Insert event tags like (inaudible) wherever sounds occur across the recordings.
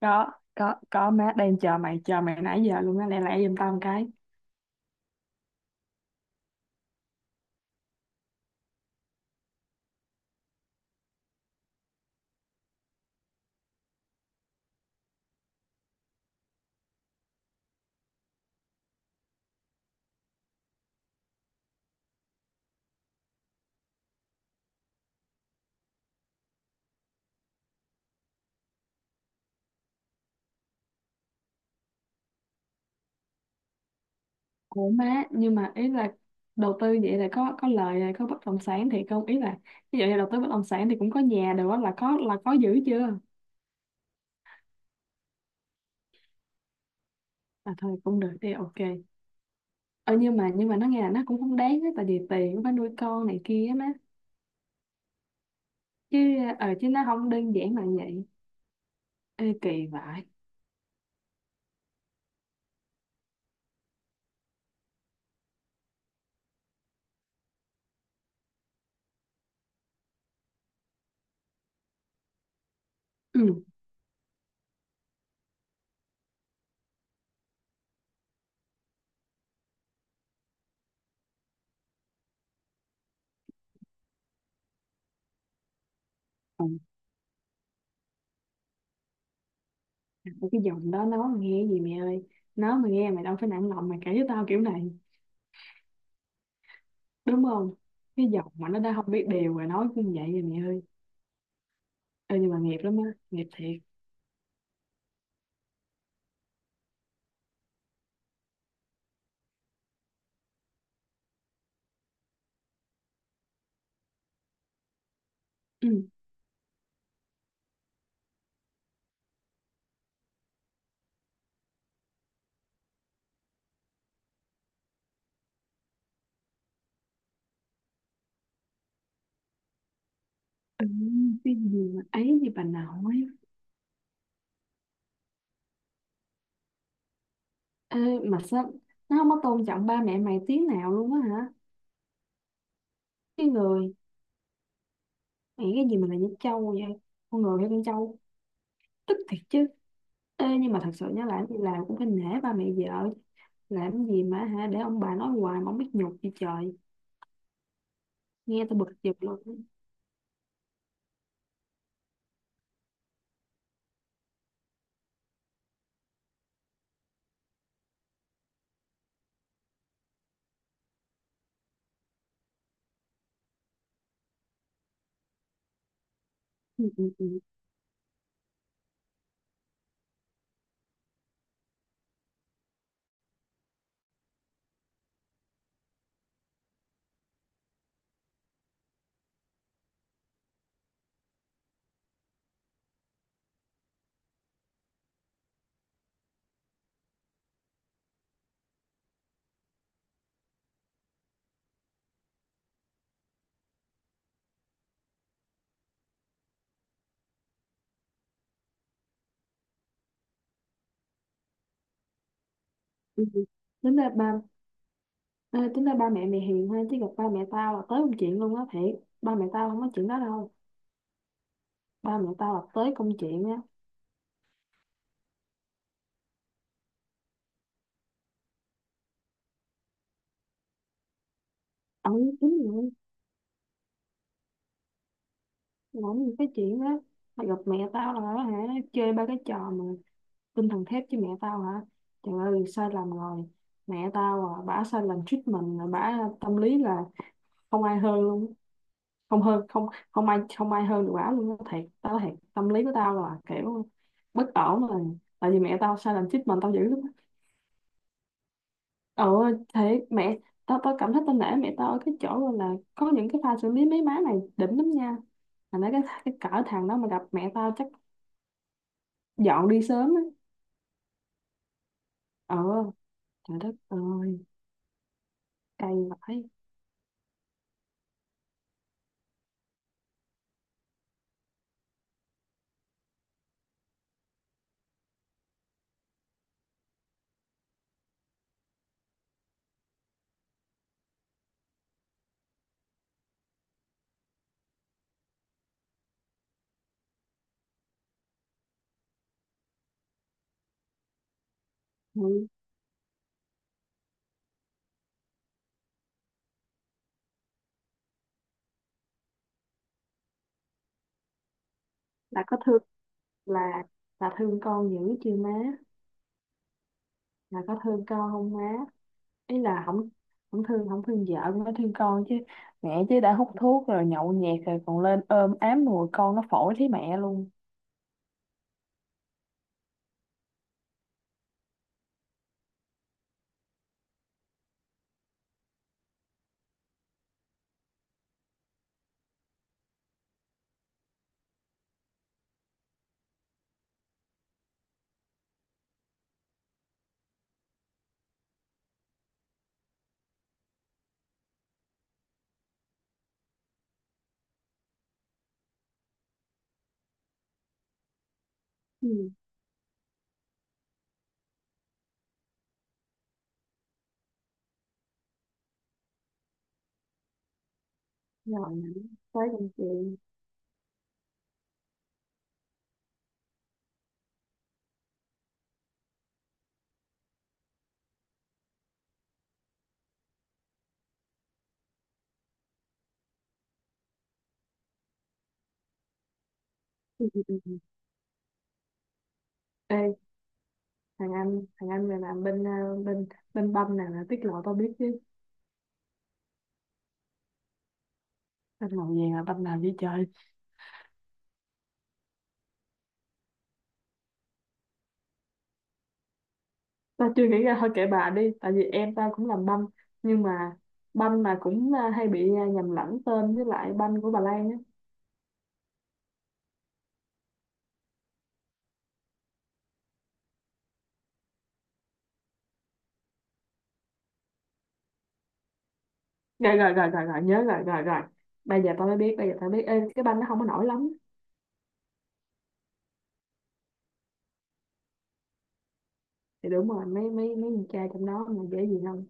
có có, má đang chờ mày nãy giờ luôn á, lẹ lẹ giùm tao một cái. Ủa má, nhưng mà ý là đầu tư vậy là có lời rồi, có bất động sản thì không, ý là ví dụ như đầu tư bất động sản thì cũng có nhà đồ á, là có giữ chưa. À thôi cũng được đi, ok. Ờ nhưng mà nó nghe là nó cũng không đáng á, tại vì tiền cũng phải nuôi con này kia á má. Chứ ờ chứ nó không đơn giản là vậy. Ê kỳ vậy. Ừ. Ừ. Cái giọng đó nó mà nghe gì mẹ ơi, nó mà nghe mày đâu phải nặng lòng mà kể với tao kiểu này, đúng không. Cái giọng mà nó đã không biết điều rồi nói cũng vậy rồi mẹ ơi. Ê, nhưng mà nghiệp lắm á, nghiệp thiệt. Ừ. (clears throat) Ừ, cái gì mà ấy gì bà nội. Ê, mà sao nó không có tôn trọng ba mẹ mày tí nào luôn á hả. Cái người mày cái gì mà là như trâu vậy, con người hay con trâu, tức thiệt chứ. Ê, nhưng mà thật sự nhớ lại thì làm cũng phải nể ba mẹ vợ, làm gì mà hả để ông bà nói hoài mà không biết nhục gì trời. Nghe tao bực dọc luôn. Ừ, ừ, ừ. Ừ. Tính ra ba Ê, tính ra ba mẹ mày hiền ha, chứ gặp ba mẹ tao là tới công chuyện luôn á thiệt. Ba mẹ tao không có chuyện đó đâu, ba mẹ tao là tới công chuyện á. Ổng tính luôn ổng những cái chuyện đó, mà gặp mẹ tao là hả, chơi ba cái trò mà tinh thần thép với mẹ tao hả, trời ơi sai lầm rồi. Mẹ tao à, bả sai lầm treatment rồi, bả tâm lý là không ai hơn luôn. Không ai không ai hơn được bả luôn á, thiệt tao nói thiệt, tâm lý của tao là kiểu bất ổn rồi, tại vì mẹ tao sai lầm treatment tao dữ lắm. Ồ, thế mẹ tao tao cảm thấy tao nể mẹ tao ở cái chỗ gọi là có những cái pha xử lý mấy má này đỉnh lắm nha, mà nói cái cỡ thằng đó mà gặp mẹ tao chắc dọn đi sớm á. Ờ, trời đất ơi, cay vãi. Ừ, là có thương, là là thương con dữ chưa má, là có thương con không má, ý là không, không thương vợ cũng phải thương con chứ, mẹ chứ đã hút thuốc rồi nhậu nhẹt rồi còn lên ôm ám mùi con, nó phổi thấy mẹ luôn. Ừ, rồi tới công chuyện. Ê, thằng anh này làm bên ờ, bên bên banh nào là tiết lộ tao biết chứ. Banh màu vàng là banh nào vậy trời. Tao chưa nghĩ ra thôi kệ bà đi, tại vì em tao cũng làm banh, nhưng mà banh mà cũng hay bị nhầm lẫn tên với lại banh của bà Lan á. Rồi rồi rồi rồi rồi nhớ rồi rồi rồi. Bây giờ tao mới biết, bây giờ tao biết. Ê, cái banh nó không có nổi lắm. Thì đúng rồi, mấy mấy mấy con trai trong đó mà dễ gì không.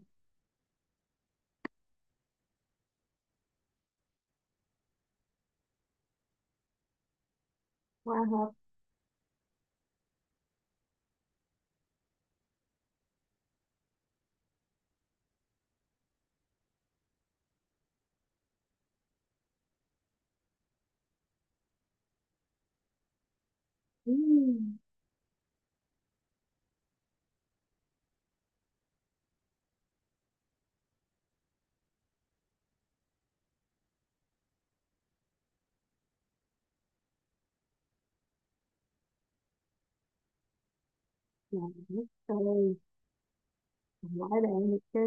Quá hợp. Ừ. Làm trời, nói đàn được cái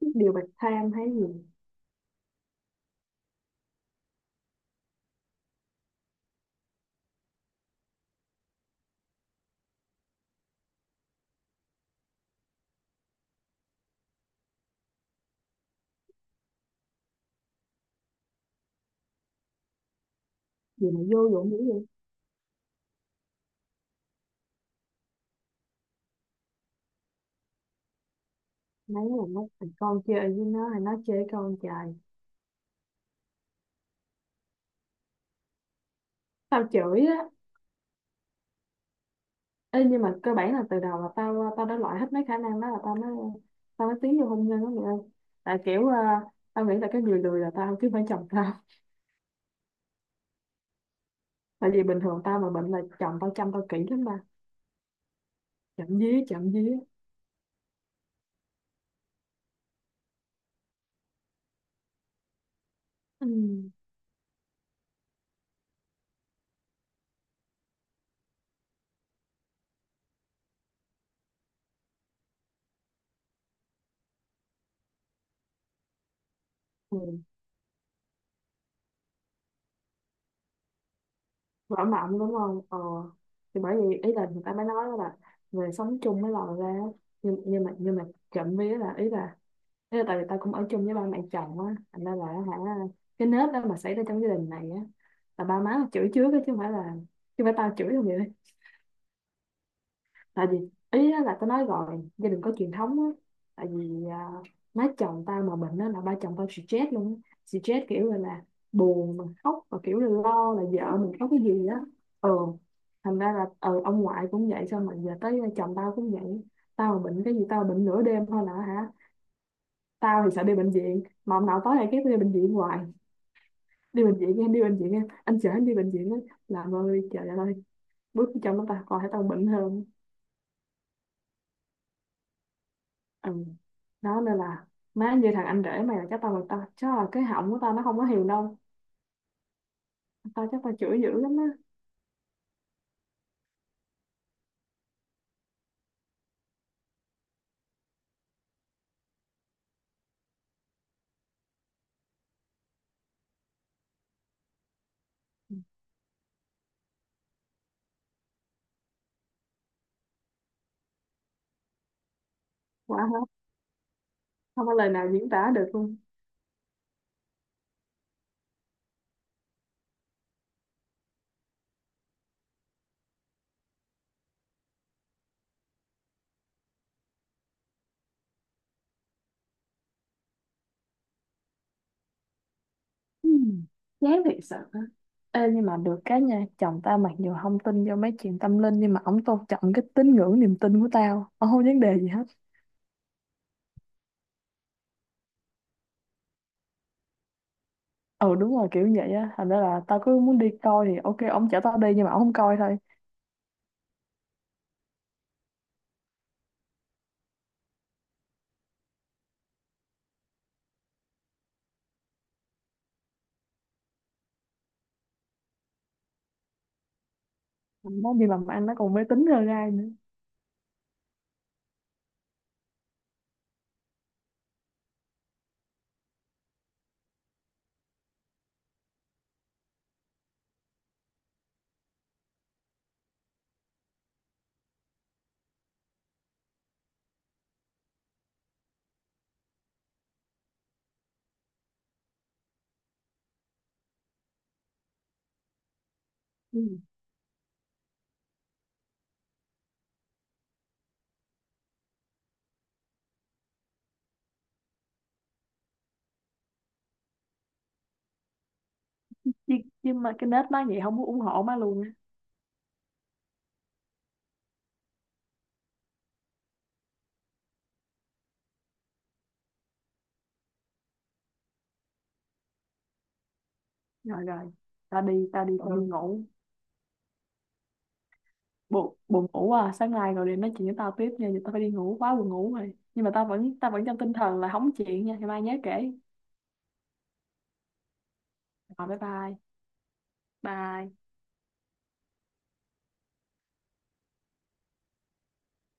điều bạch tham hay gì. Gì mà vô dụng dữ vậy. Mấy là nó thằng con chơi với nó hay nó chơi với con trời. Tao chửi á. Ê, nhưng mà cơ bản là từ đầu là tao tao đã loại hết mấy khả năng đó là tao mới tiến vô hôn nhân đó mẹ ơi, tại kiểu tao nghĩ là cái người lười là tao chứ không phải chồng tao. Tại vì bình thường tao mà bệnh là chồng tao chăm tao kỹ lắm mà. Chậm dí. Ừ. Ừ. Vỡ mộng đúng không ờ, thì bởi vì ý là người ta mới nói là người sống chung mới lòi ra. Nhưng mà trộm vía là ý là, thế là tại vì tao cũng ở chung với ba mẹ chồng á, thành ra là hả, cái nết đó mà xảy ra trong gia đình này á là ba má chửi trước á, chứ không phải là, chứ không phải tao chửi đâu vậy. Tại vì ý á là tao nói rồi, gia đình có truyền thống á, tại vì má chồng tao mà bệnh á là ba chồng tao stress luôn á, stress kiểu là buồn mà khóc và kiểu là lo là vợ mình có cái gì á. Ờ, thành ra là ờ, ông ngoại cũng vậy, xong rồi giờ tới chồng tao cũng vậy. Tao mà bệnh cái gì, tao bệnh nửa đêm thôi là hả, tao thì sợ đi bệnh viện mà ông nào tối nay kép đi bệnh viện hoài, đi bệnh viện em, đi bệnh viện em, anh chở em đi bệnh viện á, làm ơi trời đất ơi, bước chồng nó ta coi thấy tao bệnh hơn. Ừ. Đó nên là, má như thằng anh rể mày là chắc tao, là tao chắc là cái họng của tao nó không có hiền đâu, tao chắc tao chửi dữ lắm á. Quả hết. Không có lời nào diễn tả được luôn. Ừ, chán thiệt sự á. Ê, nhưng mà được cái nha, chồng tao mặc dù không tin vô mấy chuyện tâm linh nhưng mà ổng tôn trọng cái tín ngưỡng niềm tin của tao, ổng không vấn đề gì hết. Ừ đúng rồi, kiểu vậy á, thành ra là tao cứ muốn đi coi thì ok, ổng chở tao đi, nhưng mà ổng không coi thôi. Nó đi mà anh nó còn mê tín hơn ai nữa. Ừ. nhưng mà cái nết má vậy không muốn ủng hộ má luôn á. Rồi rồi, ta đi Ừ, đi. Ừ, ngủ. Buồn ngủ à, sáng nay rồi để nói chuyện với tao tiếp nha, giờ tao phải đi ngủ, quá buồn ngủ rồi. Nhưng mà tao vẫn trong tinh thần là hóng chuyện nha, ngày mai nhớ kể. Rồi bye bye. Bye.